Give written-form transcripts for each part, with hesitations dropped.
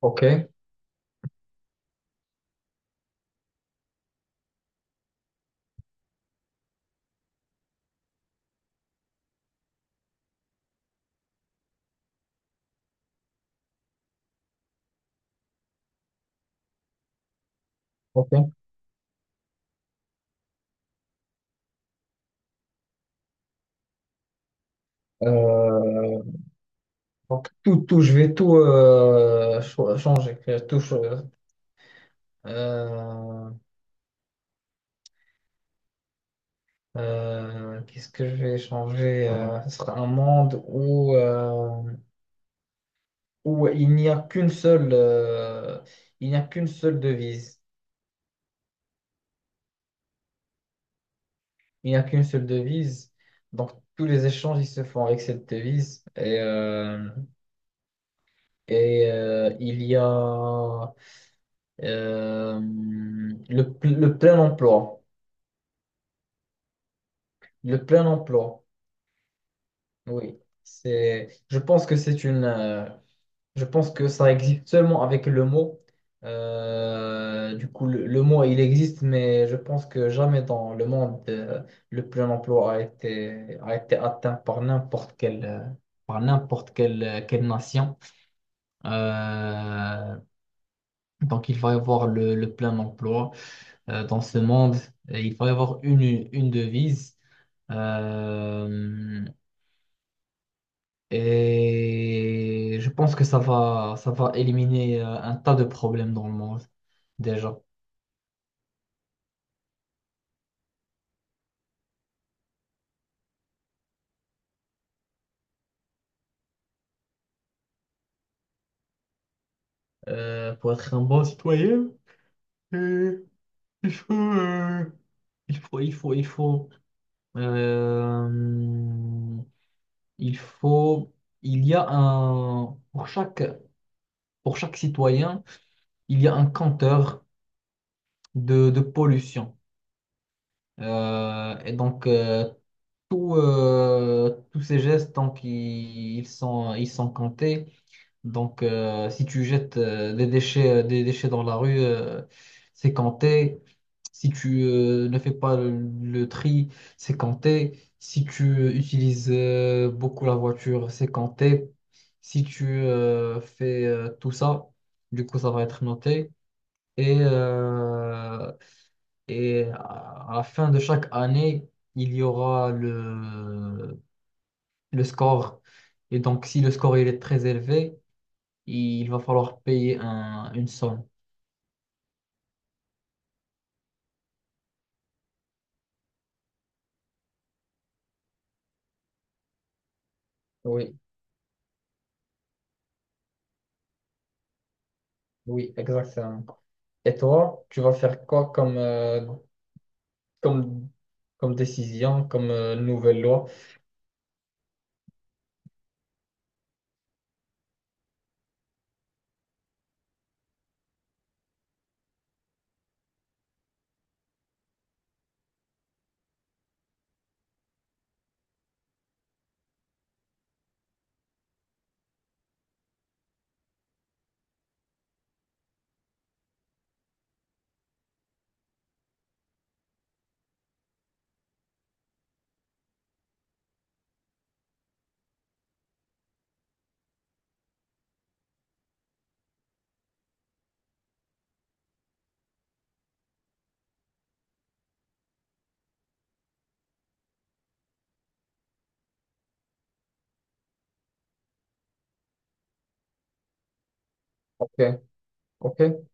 Ok, ok. Euh, donc je vais tout changer. Je vais euh, qu'est-ce que je vais changer? Ce sera un monde où il n'y a qu'une seule, il n'y a qu'une seule devise. Il n'y a qu'une seule devise. Donc tous les échanges ils se font avec cette devise. Et il y a euh, le plein emploi. Le plein emploi, oui. Je pense que c'est je pense que ça existe seulement avec le mot. Du coup, le mot, il existe, mais je pense que jamais dans le monde, le plein emploi a a été atteint par n'importe par n'importe quelle nation. Euh, donc, il va y avoir le plein emploi, dans ce monde. Et il va y avoir une devise. Euh, Et je pense que ça va éliminer un tas de problèmes dans le monde, déjà. Pour être un bon citoyen, euh, il faut, il faut, il faut, il faut, euh, il faut, il y a pour chaque citoyen, il y a un compteur de pollution. Et donc, tous ces gestes, donc, ils sont, ils sont comptés. Donc, si tu jettes des déchets dans la rue, c'est compté. Si tu ne fais pas le tri, c'est compté. Si tu utilises beaucoup la voiture, c'est compté. Si tu fais tout ça, du coup, ça va être noté. Et, euh, et à la fin de chaque année, il y aura le score. Et donc, si le score il est très élevé, il va falloir payer une somme. Oui, oui, exactement. Et toi, tu vas faire quoi comme comme décision, comme nouvelle loi? Ok, ok.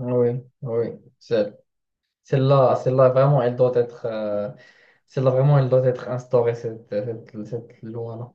Ah oui, ah oui. C'est- Celle-là, celle-là, vraiment, elle doit être, celle-là, vraiment, elle doit être instaurée, cette loi-là.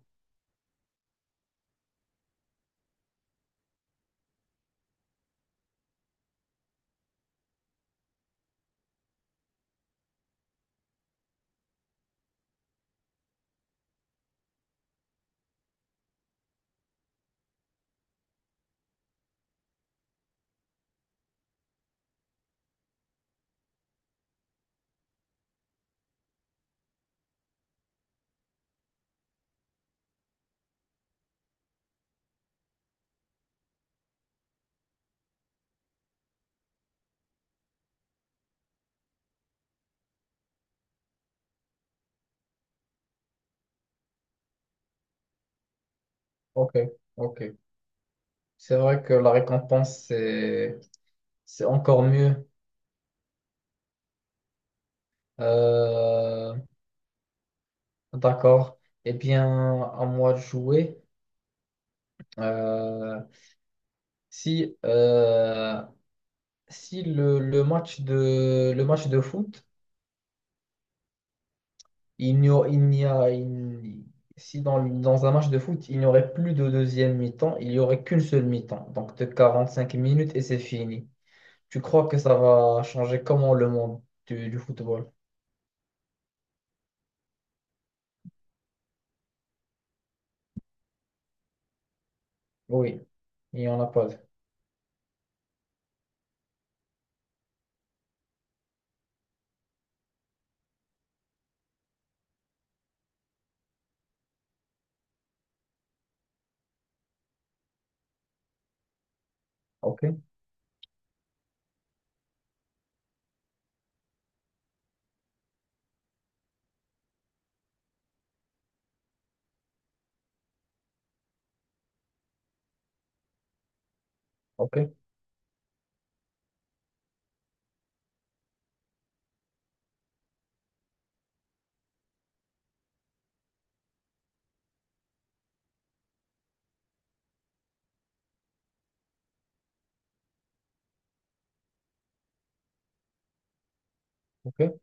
Ok, ok. C'est vrai que la récompense, c'est encore mieux. Euh, d'accord. Eh bien, à moi de jouer. Euh, si, euh, Si le match de foot, il n'y a, il n'y a, il- si dans, dans un match de foot, il n'y aurait plus de deuxième mi-temps, il n'y aurait qu'une seule mi-temps, donc de 45 minutes et c'est fini. Tu crois que ça va changer comment le monde du football? Oui, il n'y en a pas. Ok, ok, ok.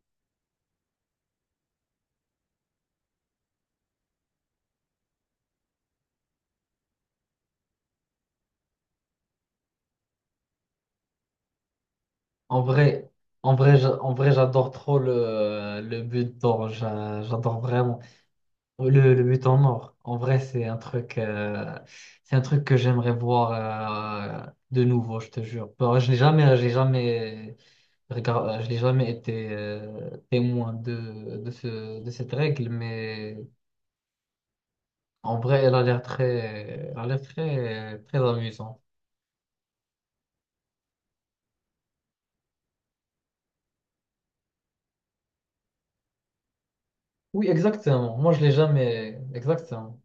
En vrai, en vrai, j'adore trop le but d'or. J'adore vraiment. Le but en or, en vrai, c'est un truc, c'est un truc que j'aimerais voir de nouveau, je te jure. Bon, je n'ai jamais, j'ai jamais, je n'ai jamais été témoin de cette règle, mais en vrai, elle a l'air très, très amusante. Oui, exactement. Moi, je l'ai jamais. Exactement.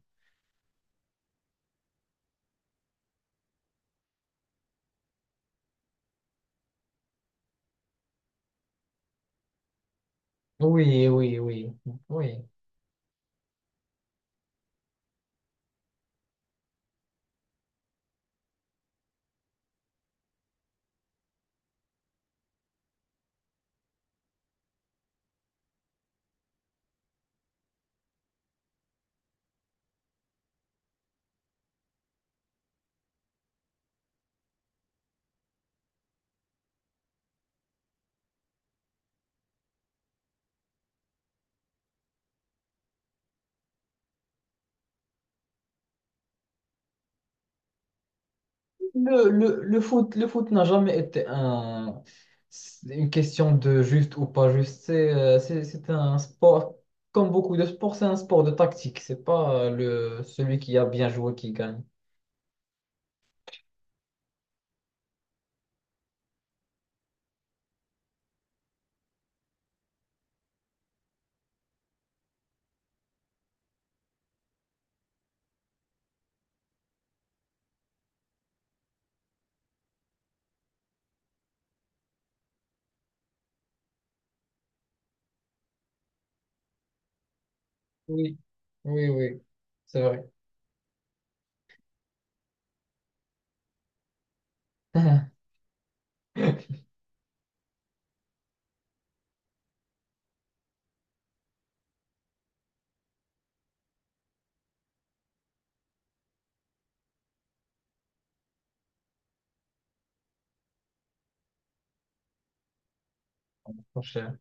Oui, oui, oui, oui. Le foot, le foot n'a jamais été une question de juste ou pas juste. C'est un sport, comme beaucoup de sports, c'est un sport de tactique. C'est pas celui qui a bien joué qui gagne. Oui, oui, oui, c'est vrai. Mon cher